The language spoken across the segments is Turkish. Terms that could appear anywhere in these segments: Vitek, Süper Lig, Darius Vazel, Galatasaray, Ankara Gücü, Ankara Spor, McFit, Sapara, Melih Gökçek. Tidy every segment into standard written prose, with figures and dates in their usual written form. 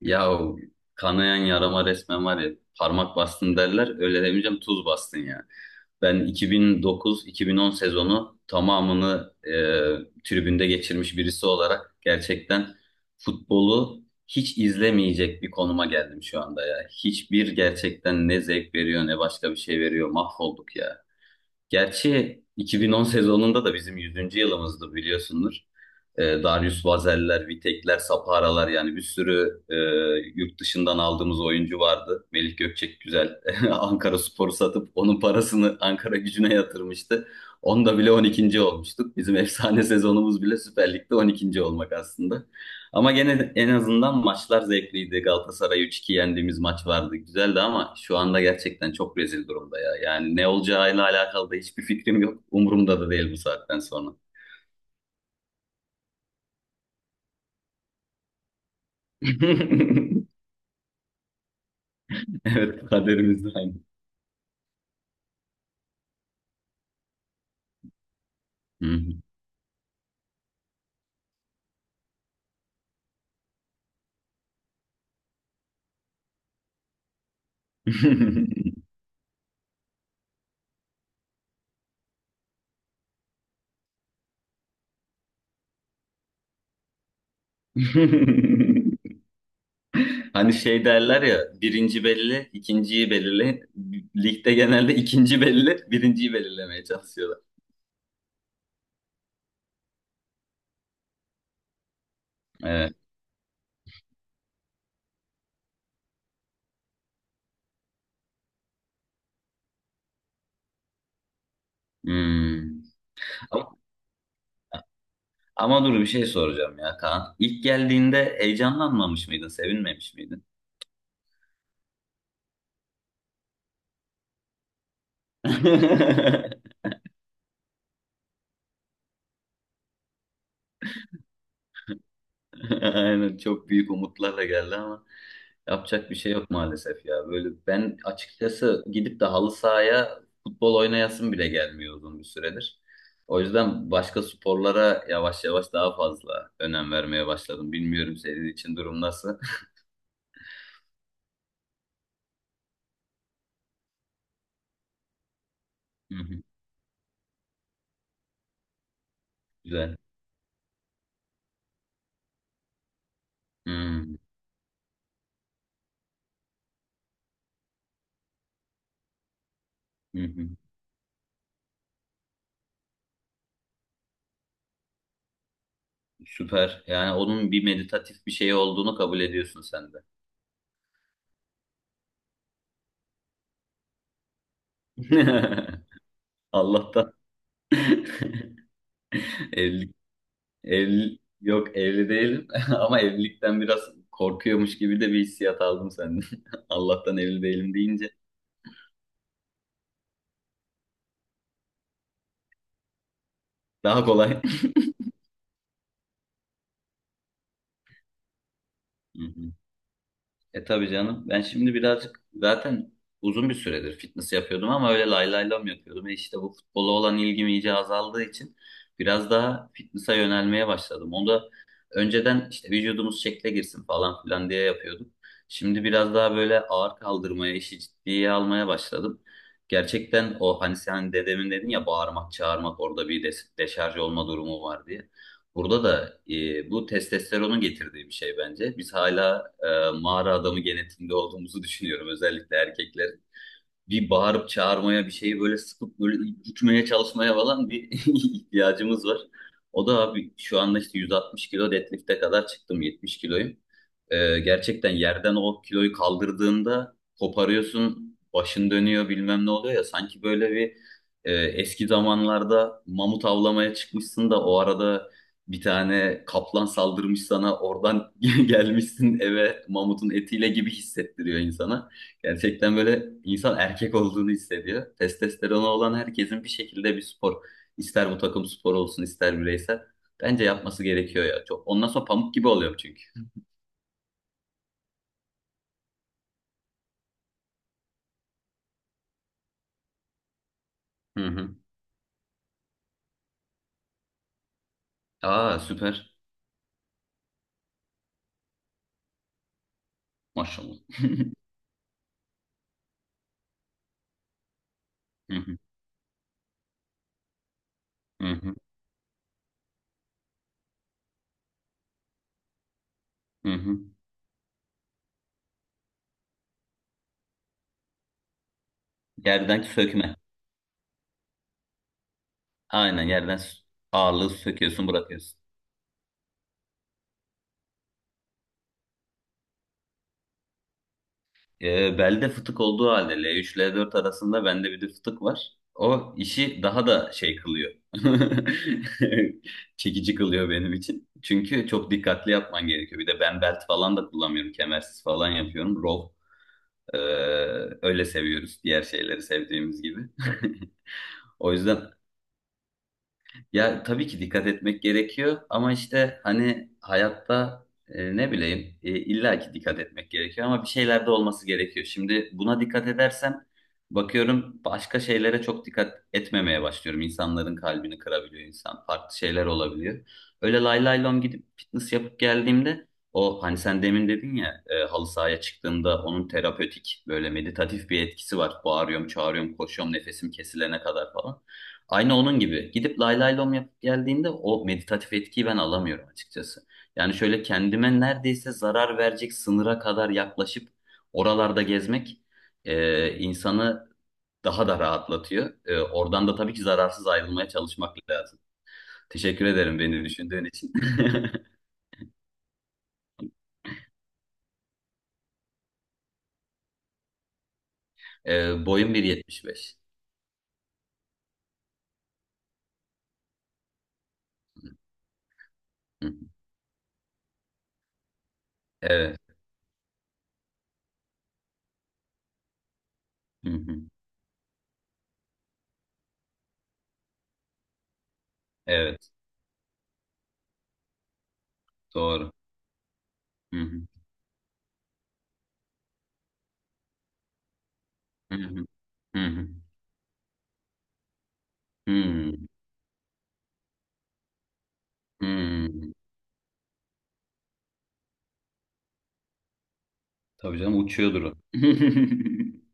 Ya, o kanayan yarama resmen var ya, parmak bastın derler, öyle demeyeceğim, tuz bastın ya. Ben 2009-2010 sezonu tamamını tribünde geçirmiş birisi olarak gerçekten futbolu hiç izlemeyecek bir konuma geldim şu anda ya. Hiçbir, gerçekten ne zevk veriyor ne başka bir şey veriyor, mahvolduk ya. Gerçi 2010 sezonunda da bizim 100'üncü yılımızdı, biliyorsundur. Darius Vazel'ler, Vitek'ler, Sapara'lar, yani bir sürü yurt dışından aldığımız oyuncu vardı. Melih Gökçek güzel Ankara Spor'u satıp onun parasını Ankara Gücü'ne yatırmıştı. Onda bile 12'nci olmuştuk. Bizim efsane sezonumuz bile Süper Lig'de 12'nci olmak aslında. Ama gene en azından maçlar zevkliydi. Galatasaray 3-2 yendiğimiz maç vardı. Güzeldi ama şu anda gerçekten çok rezil durumda ya. Yani ne olacağıyla alakalı da hiçbir fikrim yok. Umurumda da değil bu saatten sonra. Evet, kaderimiz de aynı. Hı hı. Hani şey derler ya, birinci belli, ikinciyi belirle. Ligde genelde ikinci belli, birinciyi belirlemeye çalışıyorlar. Evet. Hmm. Ama dur bir şey soracağım ya Kaan. İlk geldiğinde heyecanlanmamış mıydın, sevinmemiş miydin? Aynen, çok büyük umutlarla geldi ama yapacak bir şey yok maalesef ya. Böyle ben açıkçası gidip de halı sahaya futbol oynayasım bile gelmiyor uzun bir süredir. O yüzden başka sporlara yavaş yavaş daha fazla önem vermeye başladım. Bilmiyorum senin için durum nasıl? Hı hı, güzel. Hı hı hı. Süper. Yani onun bir meditatif bir şey olduğunu kabul ediyorsun sen de. Allah'tan evlilik evli yok evli değilim ama evlilikten biraz korkuyormuş gibi de bir hissiyat aldım senden. Allah'tan evli değilim deyince daha kolay. E tabii canım. Ben şimdi birazcık zaten uzun bir süredir fitness yapıyordum ama öyle lay lay lam yapıyordum. E işte bu futbola olan ilgim iyice azaldığı için biraz daha fitness'a yönelmeye başladım. Onu da önceden işte vücudumuz şekle girsin falan filan diye yapıyordum. Şimdi biraz daha böyle ağır kaldırmaya, işi ciddiye almaya başladım. Gerçekten o, hani sen dedemin dedin ya, bağırmak, çağırmak, orada bir de deşarj olma durumu var diye. Burada da bu testosteronun getirdiği bir şey bence. Biz hala mağara adamı genetiğinde olduğumuzu düşünüyorum. Özellikle erkekler bir bağırıp çağırmaya, bir şeyi böyle sıkıp böyle itmeye çalışmaya falan bir ihtiyacımız var. O da abi şu anda işte 160 kilo deadlift'e kadar çıktım, 70 kiloyum. Gerçekten yerden o kiloyu kaldırdığında koparıyorsun, başın dönüyor, bilmem ne oluyor ya. Sanki böyle bir, eski zamanlarda mamut avlamaya çıkmışsın da o arada bir tane kaplan saldırmış sana, oradan gelmişsin eve mamutun etiyle gibi hissettiriyor insana. Gerçekten böyle insan erkek olduğunu hissediyor. Testosteronu olan herkesin bir şekilde bir spor, ister bu takım sporu olsun ister bireysel, bence yapması gerekiyor ya. Çok, ondan sonra pamuk gibi oluyor çünkü. Hı hı. Aa, süper. Maşallah. Hı hı, hı hı, hı hı. Yerden sökme. Aynen, yerden ağırlığı söküyorsun, bırakıyorsun. Belde fıtık olduğu halde, L3 L4 arasında bende bir de fıtık var, o işi daha da şey kılıyor. Çekici kılıyor benim için. Çünkü çok dikkatli yapman gerekiyor. Bir de ben belt falan da kullanmıyorum. Kemersiz falan yapıyorum. Row. Ee, öyle seviyoruz. Diğer şeyleri sevdiğimiz gibi. O yüzden, ya tabii ki dikkat etmek gerekiyor ama işte hani hayatta ne bileyim, illa ki dikkat etmek gerekiyor ama bir şeyler de olması gerekiyor. Şimdi buna dikkat edersem bakıyorum başka şeylere çok dikkat etmemeye başlıyorum. İnsanların kalbini kırabiliyor insan. Farklı şeyler olabiliyor. Öyle lay lay lom gidip fitness yapıp geldiğimde, o hani sen demin dedin ya, halı sahaya çıktığımda onun terapötik, böyle meditatif bir etkisi var. Bağırıyorum, çağırıyorum, koşuyorum nefesim kesilene kadar falan. Aynı onun gibi. Gidip lay lay lom yapıp geldiğinde o meditatif etkiyi ben alamıyorum açıkçası. Yani şöyle kendime neredeyse zarar verecek sınıra kadar yaklaşıp oralarda gezmek insanı daha da rahatlatıyor. Oradan da tabii ki zararsız ayrılmaya çalışmak lazım. Teşekkür ederim beni düşündüğün için. Boyum 1.75. Hı hı. Evet. Hı hı. Evet. Doğru. Hı hı. Hı hı. Hı hı. Hı hı. Hı hı. Tabii canım, uçuyordur o.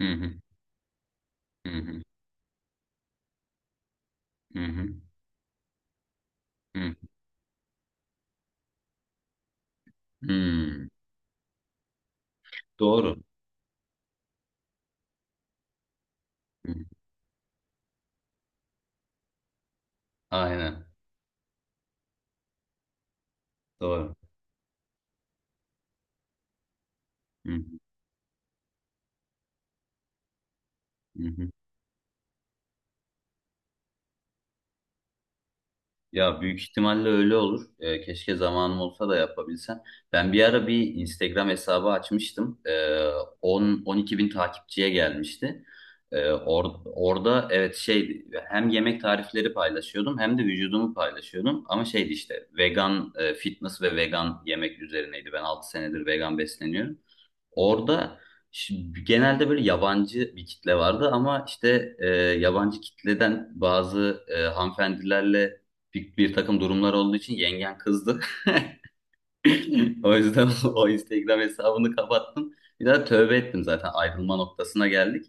Hı hı, hı hı, hı hı, hı. Hmm, doğru. Hı, aynen, doğru. Hı hı, hı hı. Ya, büyük ihtimalle öyle olur. Keşke zamanım olsa da yapabilsem. Ben bir ara bir Instagram hesabı açmıştım. 10 12 bin takipçiye gelmişti. Orada, evet, şey, hem yemek tarifleri paylaşıyordum hem de vücudumu paylaşıyordum. Ama şeydi işte, vegan, fitness ve vegan yemek üzerineydi. Ben 6 senedir vegan besleniyorum. Orada genelde böyle yabancı bir kitle vardı ama işte yabancı kitleden bazı hanımefendilerle bir takım durumlar olduğu için yengen kızdı. O yüzden o Instagram hesabını kapattım. Bir daha tövbe ettim, zaten ayrılma noktasına geldik.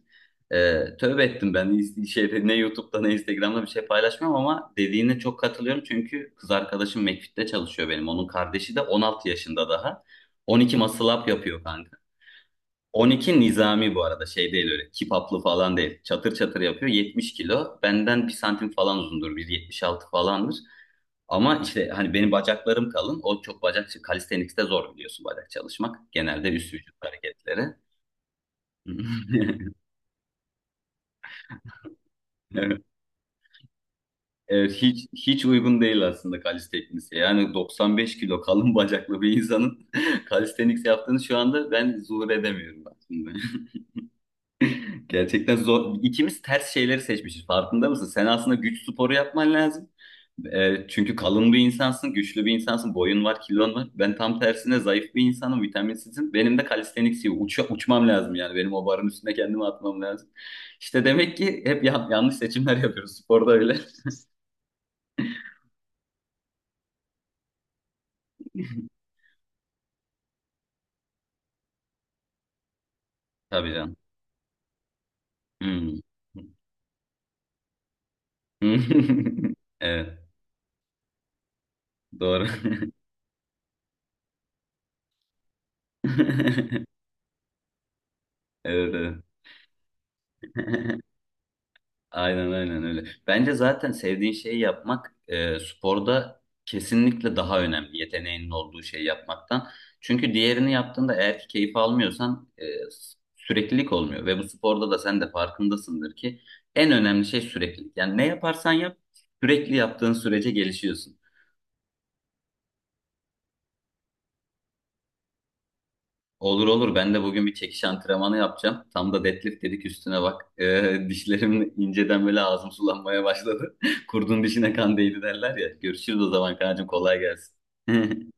E, tövbe ettim ben. Şeyde, ne YouTube'da ne Instagram'da bir şey paylaşmıyorum ama dediğine çok katılıyorum çünkü kız arkadaşım McFit'te çalışıyor benim. Onun kardeşi de 16 yaşında daha. 12 muscle up yapıyor kanka. 12 nizami bu arada, şey değil, öyle kipaplı falan değil. Çatır çatır yapıyor, 70 kilo. Benden 1 santim falan uzundur, 1.76 falandır. Ama işte hani benim bacaklarım kalın. O çok bacak, calisthenics'te zor biliyorsun bacak çalışmak. Genelde üst vücut hareketleri. Evet, evet, hiç hiç uygun değil aslında kalistenikse. Yani 95 kilo kalın bacaklı bir insanın kalisteniks yaptığını şu anda ben zuhur edemiyorum aslında. Gerçekten zor. İkimiz ters şeyleri seçmişiz. Farkında mısın? Sen aslında güç sporu yapman lazım. Çünkü kalın bir insansın, güçlü bir insansın, boyun var, kilon var. Ben tam tersine zayıf bir insanım, vitaminsizim. Benim de kalistenik uçmam lazım yani. Benim o barın üstüne kendimi atmam lazım. İşte demek ki hep yanlış seçimler yapıyoruz. Sporda öyle. Tabii canım. Hmm. Evet, doğru. Evet, evet. Aynen aynen öyle. Bence zaten sevdiğin şeyi yapmak sporda kesinlikle daha önemli yeteneğinin olduğu şeyi yapmaktan. Çünkü diğerini yaptığında, eğer ki keyif almıyorsan, süreklilik olmuyor. Ve bu sporda da sen de farkındasındır ki en önemli şey süreklilik. Yani ne yaparsan yap, sürekli yaptığın sürece gelişiyorsun. Olur olur. Ben de bugün bir çekiş antrenmanı yapacağım. Tam da deadlift dedik üstüne bak. Dişlerim inceden, böyle ağzım sulanmaya başladı. Kurdun dişine kan değdi derler ya. Görüşürüz o zaman kancım, kolay gelsin.